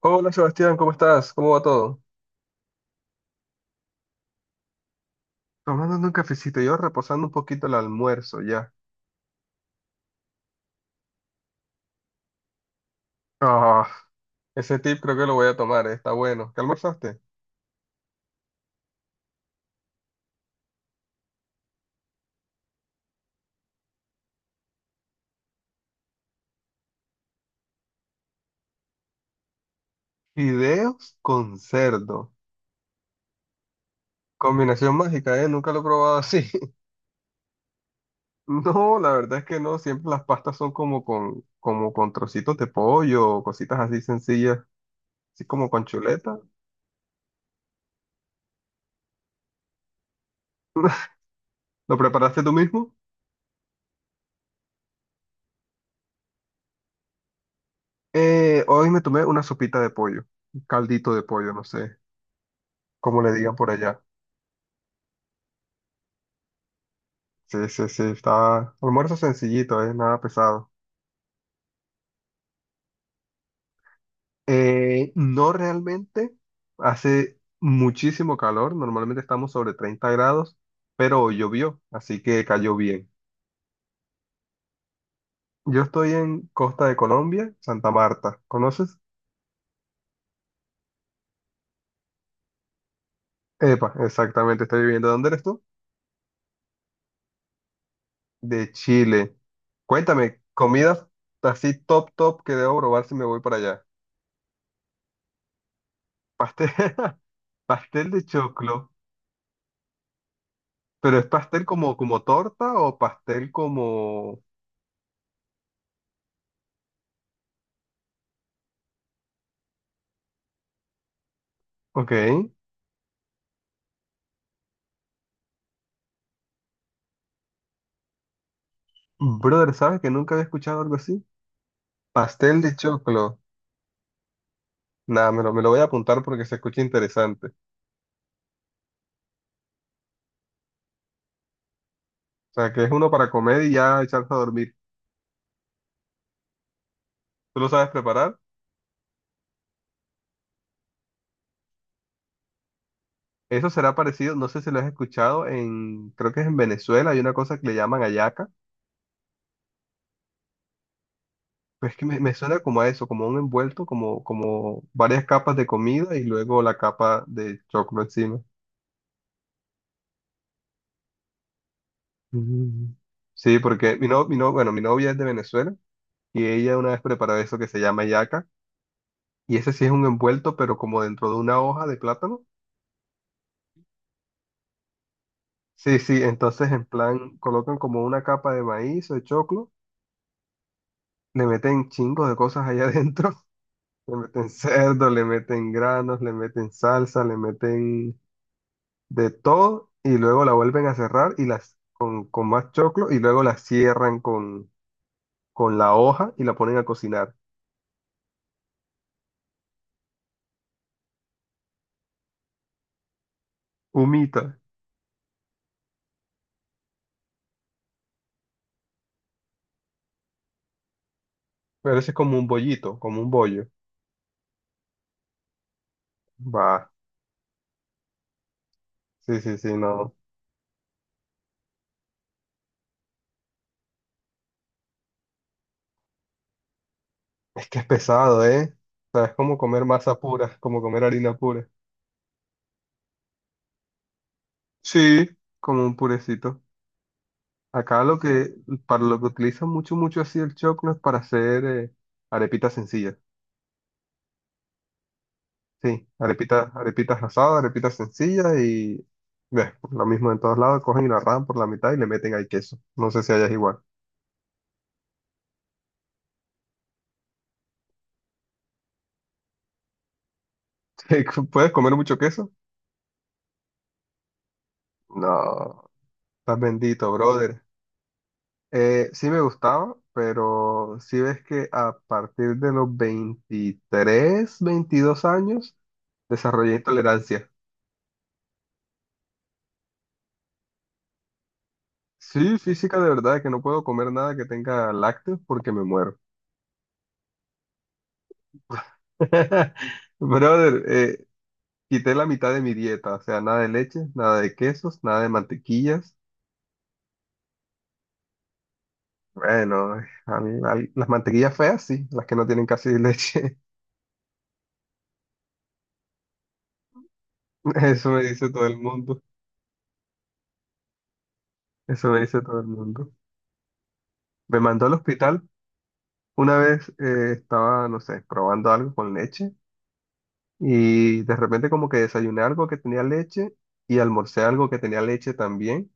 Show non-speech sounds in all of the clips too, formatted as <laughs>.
Hola Sebastián, ¿cómo estás? ¿Cómo va todo? Tomando un cafecito, yo reposando un poquito el almuerzo ya. Ah, ese tip creo que lo voy a tomar, está bueno. ¿Qué almorzaste? Fideos con cerdo. Combinación mágica, ¿eh? Nunca lo he probado así. <laughs> No, la verdad es que no. Siempre las pastas son como como con trocitos de pollo o cositas así sencillas, así como con chuleta. ¿Lo preparaste tú mismo? Hoy me tomé una sopita de pollo, un caldito de pollo, no sé cómo le digan por allá. Sí, sí, sí, está almuerzo sencillito, nada pesado. No realmente, hace muchísimo calor, normalmente estamos sobre 30 grados, pero hoy llovió, así que cayó bien. Yo estoy en Costa de Colombia, Santa Marta, ¿conoces? Epa, exactamente, estoy viviendo. ¿Dónde eres tú? De Chile. Cuéntame, comidas así top top que debo probar si me voy para allá. Pastel, <laughs> pastel de choclo. ¿Pero es pastel como, como torta o pastel como...? Ok. Brother, ¿sabes que nunca había escuchado algo así? Pastel de choclo. Nada, me lo voy a apuntar porque se escucha interesante. O sea, que es uno para comer y ya echarse a dormir. ¿Tú lo sabes preparar? Eso será parecido, no sé si lo has escuchado, en, creo que es en Venezuela, hay una cosa que le llaman hallaca. Pues es que me suena como a eso, como a un envuelto, como, como varias capas de comida y luego la capa de choclo encima. Mm. Sí, porque mi no- bueno, mi novia es de Venezuela y ella una vez preparó eso que se llama yaca y ese sí es un envuelto, pero como dentro de una hoja de plátano. Sí, sí, entonces en plan colocan como una capa de maíz o de choclo, le meten chingos de cosas allá adentro, <laughs> le meten cerdo, le meten granos, le meten salsa, le meten de todo y luego la vuelven a cerrar y las con más choclo y luego la cierran con la hoja y la ponen a cocinar. Humita. Parece como un bollito, como un bollo. Va, sí, sí, sí, no. Es que es pesado, ¿eh? O sea, es como comer masa pura, como comer harina pura. Sí, como un purecito. Acá para lo que utilizan mucho, mucho así el choclo es para hacer arepitas sencillas. Sí, arepitas, arepitas asadas, arepitas sencillas y ves, lo mismo en todos lados, cogen y la rajan por la mitad y le meten ahí queso. No sé si allá es igual. <laughs> ¿Puedes comer mucho queso? No, estás bendito, brother. Sí me gustaba, pero sí ves que a partir de los 23, 22 años desarrollé intolerancia. Sí, física de verdad, que no puedo comer nada que tenga lácteos porque me muero. <laughs> Brother, quité la mitad de mi dieta, o sea, nada de leche, nada de quesos, nada de mantequillas. Bueno, las mantequillas feas sí, las que no tienen casi leche. <laughs> Eso me dice todo el mundo, eso me dice todo el mundo. Me mandó al hospital una vez estaba, no sé, probando algo con leche y de repente como que desayuné algo que tenía leche y almorcé algo que tenía leche también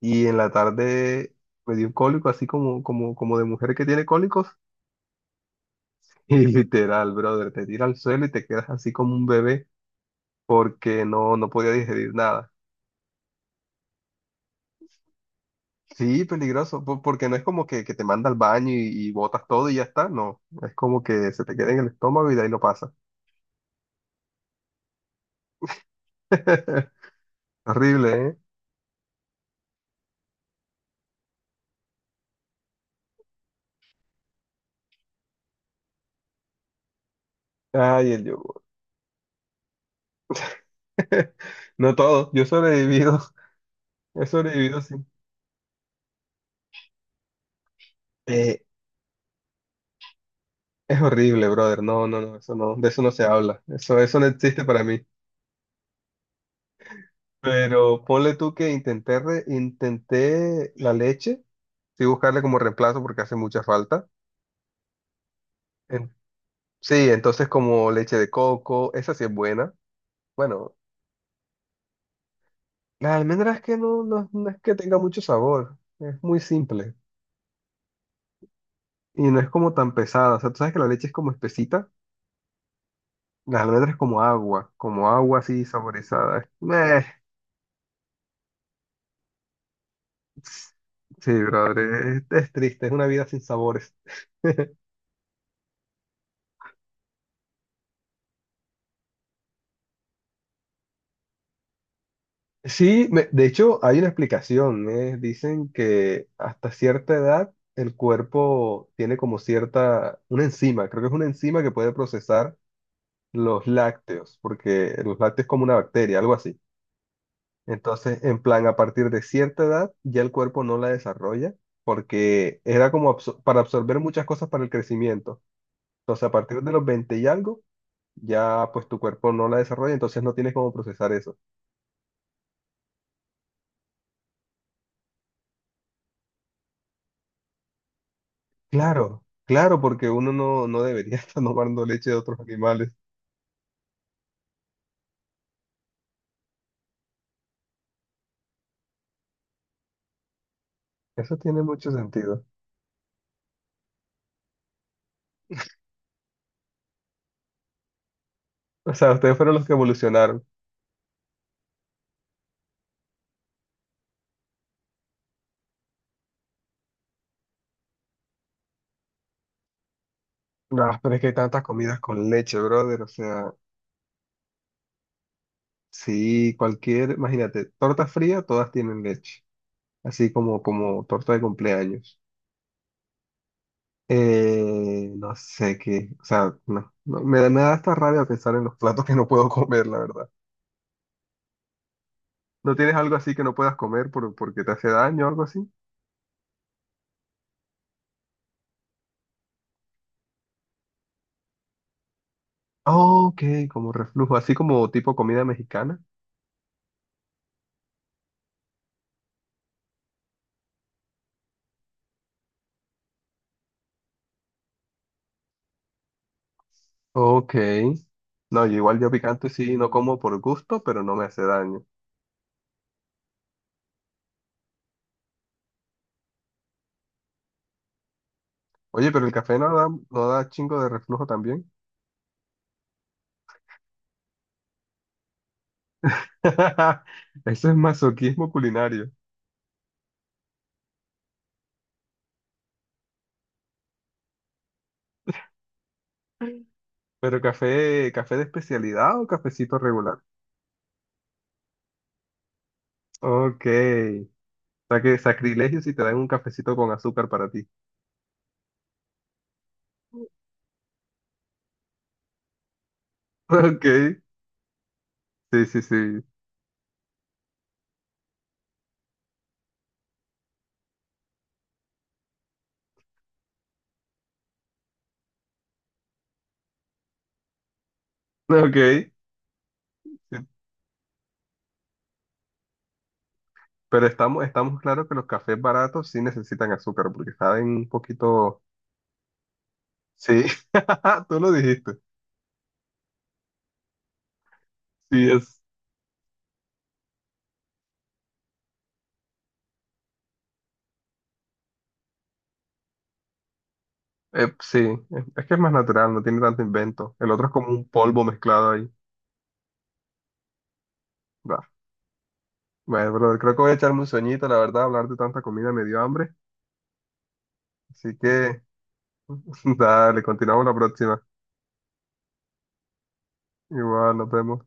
y en la tarde me dio un cólico así como, como, como de mujer que tiene cólicos <laughs> y literal, brother, te tira al suelo y te quedas así como un bebé porque no podía digerir nada. Sí, peligroso, porque no es como que te manda al baño y botas todo y ya está, no, es como que se te queda en el estómago y de ahí lo pasa. <laughs> Horrible, ¿eh? Ay, el yogur. No todo, yo he sobrevivido, <laughs> he sobrevivido sí. Eh, es horrible, brother. No, no, no, eso no, de eso no se habla. Eso no existe para mí. Pero ponle tú que intenté la leche, sí buscarle como reemplazo porque hace mucha falta. En- sí, entonces como leche de coco, esa sí es buena. Bueno, la almendra es que no es que tenga mucho sabor, es muy simple y no es como tan pesada. O sea, tú sabes que la leche es como espesita, las almendras es como agua así saborizada. Meh. Sí, brother, es triste, es una vida sin sabores. <laughs> Sí, de hecho hay una explicación, ¿eh? Dicen que hasta cierta edad el cuerpo tiene como cierta, una enzima, creo que es una enzima que puede procesar los lácteos, porque los lácteos es como una bacteria, algo así. Entonces, en plan, a partir de cierta edad ya el cuerpo no la desarrolla, porque era como para absorber muchas cosas para el crecimiento. Entonces, a partir de los 20 y algo, ya pues tu cuerpo no la desarrolla, entonces no tienes cómo procesar eso. Claro, claro, porque uno no debería <laughs> estar tomando leche de otros animales. Eso tiene mucho sentido. O sea, ustedes fueron los que evolucionaron. Ah, pero es que hay tantas comidas con leche, brother. O sea, sí, cualquier, imagínate, torta fría, todas tienen leche. Así como, como torta de cumpleaños. No sé qué, o sea, no, no, me da hasta rabia pensar en los platos que no puedo <laughs> comer, la verdad. ¿No tienes algo así que no puedas comer porque te hace daño o algo así? Ok, como reflujo, así como tipo comida mexicana. Ok. No, yo igual yo picante sí no como por gusto, pero no me hace daño. Oye, pero el café no da, no da chingo de reflujo también. <laughs> Eso es masoquismo culinario. Pero café, café de especialidad o cafecito regular. Ok. O sea que sacrilegio si te dan un cafecito con azúcar para ti. <laughs> Ok. Sí, sí, sí. Ok. Pero estamos claros que los cafés baratos sí necesitan azúcar, porque saben un poquito. Sí, <laughs> tú lo dijiste. Sí, es. eh, sí, es que es más natural, no tiene tanto invento. El otro es como un polvo mezclado ahí. Bah. Bueno, brother, creo que voy a echarme un sueñito, la verdad, hablar de tanta comida me dio hambre. Así que, <laughs> dale, continuamos la próxima. Igual, nos vemos.